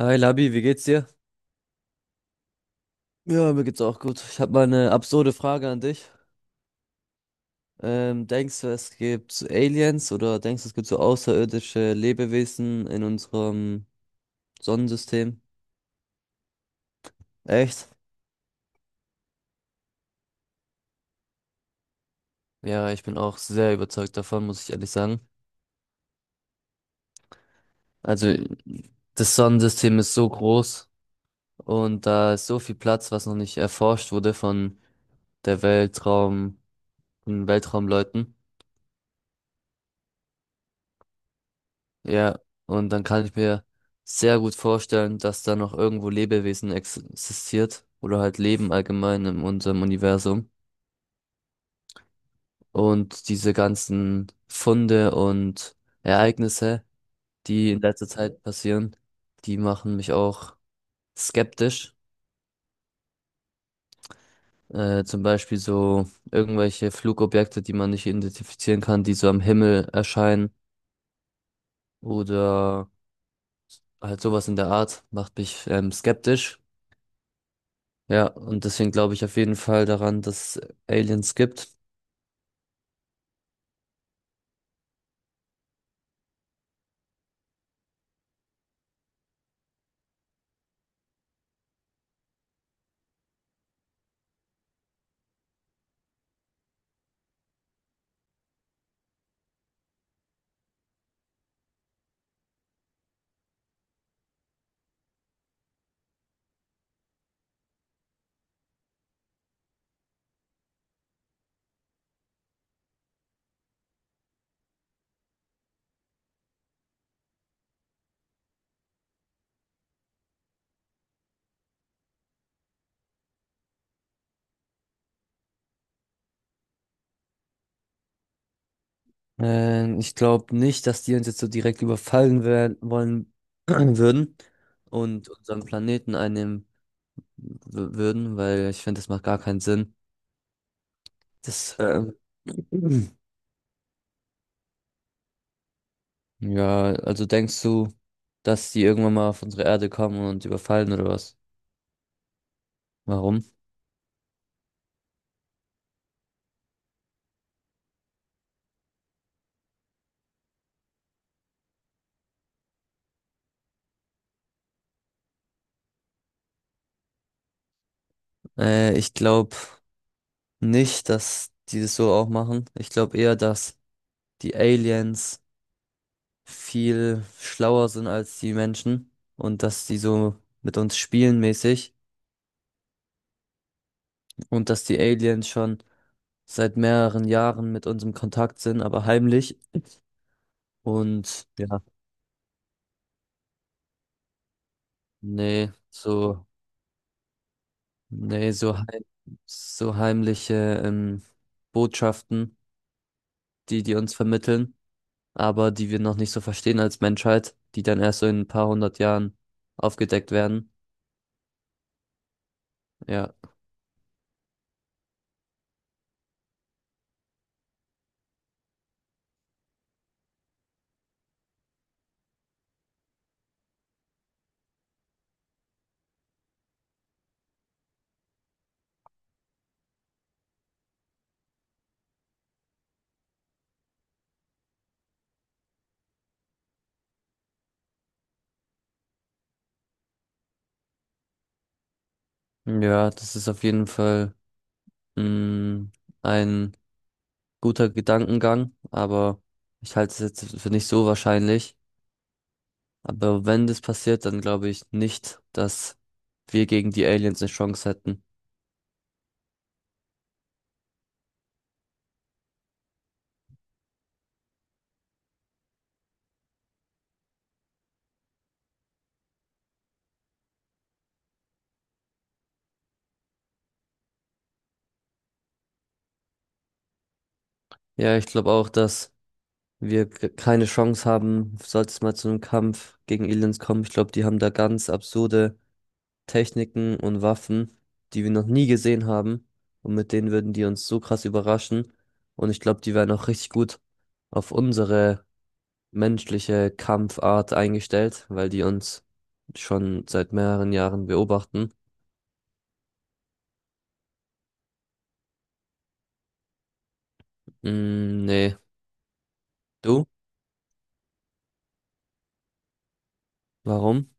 Hi Labi, wie geht's dir? Ja, mir geht's auch gut. Ich habe mal eine absurde Frage an dich. Denkst du, es gibt so Aliens oder denkst du, es gibt so außerirdische Lebewesen in unserem Sonnensystem? Echt? Ja, ich bin auch sehr überzeugt davon, muss ich ehrlich sagen. Also, das Sonnensystem ist so groß und da ist so viel Platz, was noch nicht erforscht wurde von der Weltraum, von Weltraumleuten. Ja, und dann kann ich mir sehr gut vorstellen, dass da noch irgendwo Lebewesen existiert oder halt Leben allgemein in unserem Universum. Und diese ganzen Funde und Ereignisse, die in letzter Zeit passieren, die machen mich auch skeptisch. Zum Beispiel so irgendwelche Flugobjekte, die man nicht identifizieren kann, die so am Himmel erscheinen oder halt sowas in der Art, macht mich skeptisch. Ja, und deswegen glaube ich auf jeden Fall daran, dass Aliens gibt. Ich glaube nicht, dass die uns jetzt so direkt überfallen werden, wollen würden und unseren Planeten einnehmen würden, weil ich finde, das macht gar keinen Sinn. Das, ähm, ja, also denkst du, dass die irgendwann mal auf unsere Erde kommen und überfallen oder was? Warum? Ich glaube nicht, dass die das so auch machen. Ich glaube eher, dass die Aliens viel schlauer sind als die Menschen und dass die so mit uns spielen mäßig und dass die Aliens schon seit mehreren Jahren mit uns im Kontakt sind, aber heimlich. Und ja, nee, so, nee, so, heim, so heimliche ähm, Botschaften, die die uns vermitteln, aber die wir noch nicht so verstehen als Menschheit, die dann erst so in ein paar hundert Jahren aufgedeckt werden. Ja, ja, das ist auf jeden Fall mh, ein guter Gedankengang, aber ich halte es jetzt für nicht so wahrscheinlich. Aber wenn das passiert, dann glaube ich nicht, dass wir gegen die Aliens eine Chance hätten. Ja, ich glaube auch, dass wir keine Chance haben, sollte es mal zu einem Kampf gegen Aliens kommen. Ich glaube, die haben da ganz absurde Techniken und Waffen, die wir noch nie gesehen haben. Und mit denen würden die uns so krass überraschen. Und ich glaube, die wären auch richtig gut auf unsere menschliche Kampfart eingestellt, weil die uns schon seit mehreren Jahren beobachten. Mm, nee. Du? Warum?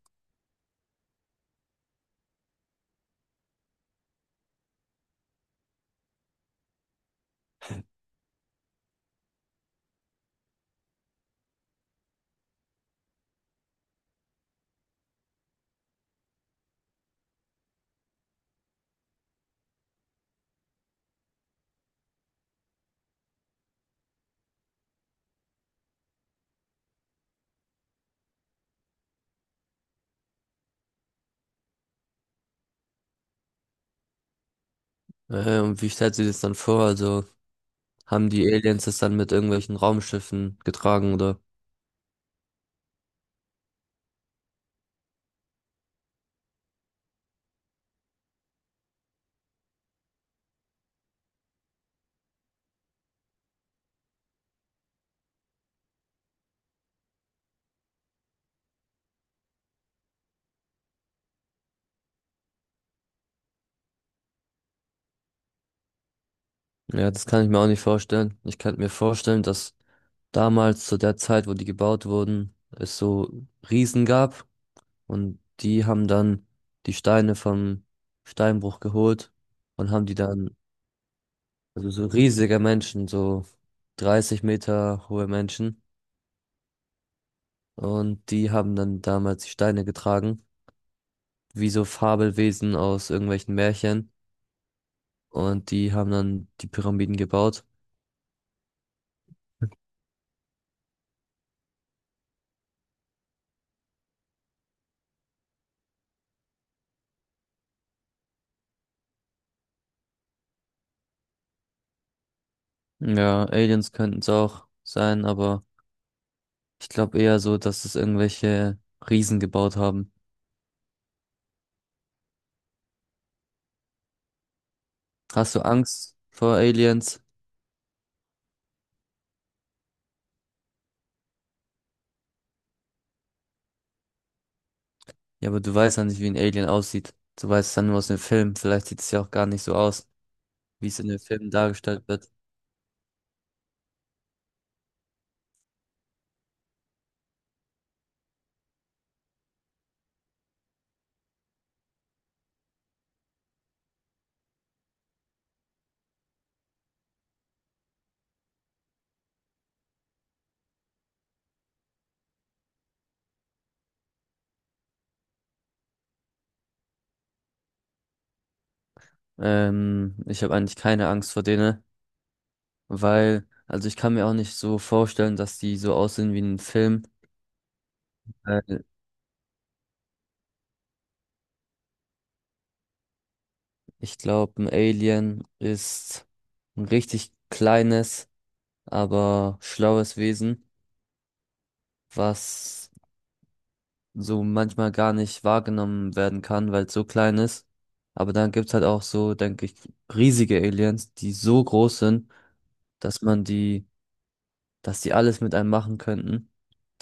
Und wie stellst du dir das dann vor? Also haben die Aliens das dann mit irgendwelchen Raumschiffen getragen oder? Ja, das kann ich mir auch nicht vorstellen. Ich könnte mir vorstellen, dass damals zu der Zeit, wo die gebaut wurden, es so Riesen gab und die haben dann die Steine vom Steinbruch geholt und haben die dann Also so riesige Menschen, so 30 Meter hohe Menschen. Und die haben dann damals die Steine getragen, wie so Fabelwesen aus irgendwelchen Märchen. Und die haben dann die Pyramiden gebaut. Ja, Aliens könnten es auch sein, aber ich glaube eher so, dass es irgendwelche Riesen gebaut haben. Hast du Angst vor Aliens? Ja, aber du weißt ja nicht, wie ein Alien aussieht. Du weißt es dann nur aus dem Film. Vielleicht sieht es ja auch gar nicht so aus, wie es in den Filmen dargestellt wird. Ich habe eigentlich keine Angst vor denen, weil, also ich kann mir auch nicht so vorstellen, dass die so aussehen wie in einem Film. Weil ich glaube, ein Alien ist ein richtig kleines, aber schlaues Wesen, was so manchmal gar nicht wahrgenommen werden kann, weil es so klein ist. Aber dann gibt's halt auch so, denke ich, riesige Aliens, die so groß sind, dass man die dass die alles mit einem machen könnten.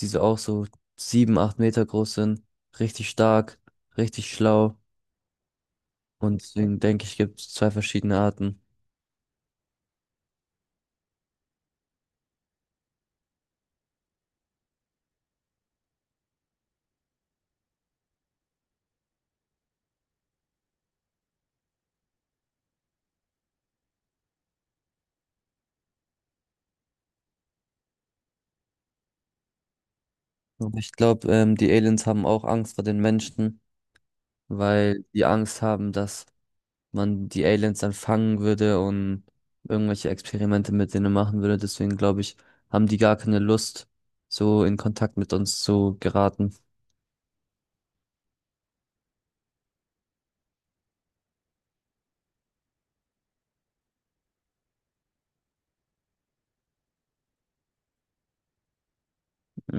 Die so auch so sieben, acht Meter groß sind, richtig stark, richtig schlau. Und deswegen denke ich, gibt es zwei verschiedene Arten. Und ich glaube, die Aliens haben auch Angst vor den Menschen, weil die Angst haben, dass man die Aliens dann fangen würde und irgendwelche Experimente mit denen machen würde. Deswegen glaube ich, haben die gar keine Lust, so in Kontakt mit uns zu geraten.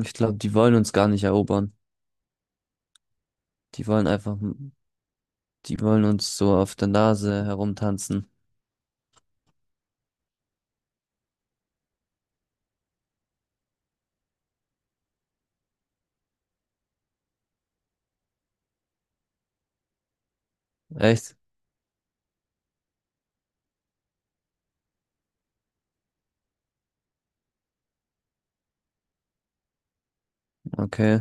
Ich glaube, die wollen uns gar nicht erobern. Die wollen einfach Die wollen uns so auf der Nase herumtanzen. Echt? Okay.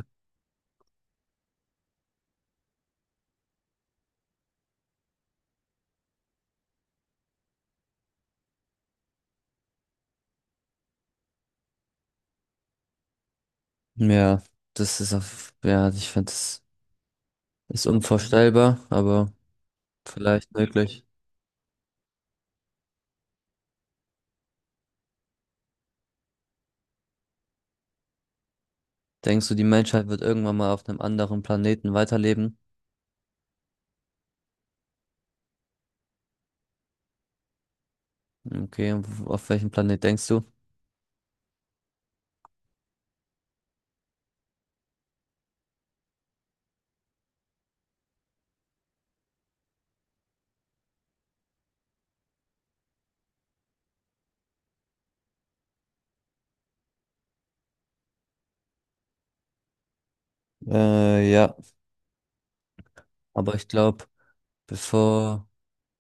Ja, das ist auf, ja, ich finde, das ist unvorstellbar, aber vielleicht möglich. Denkst du, die Menschheit wird irgendwann mal auf einem anderen Planeten weiterleben? Okay, und auf welchen Planet denkst du? Ja. Aber ich glaube, bevor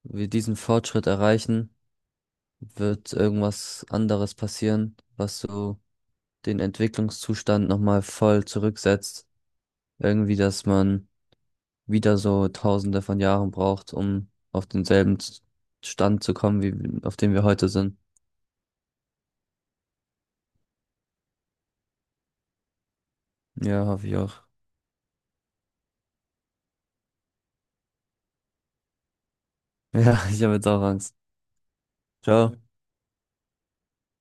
wir diesen Fortschritt erreichen, wird irgendwas anderes passieren, was so den Entwicklungszustand nochmal voll zurücksetzt. Irgendwie, dass man wieder so Tausende von Jahren braucht, um auf denselben Stand zu kommen, wie auf dem wir heute sind. Ja, hoffe ich auch. Ja, ich habe jetzt auch Angst. Ciao.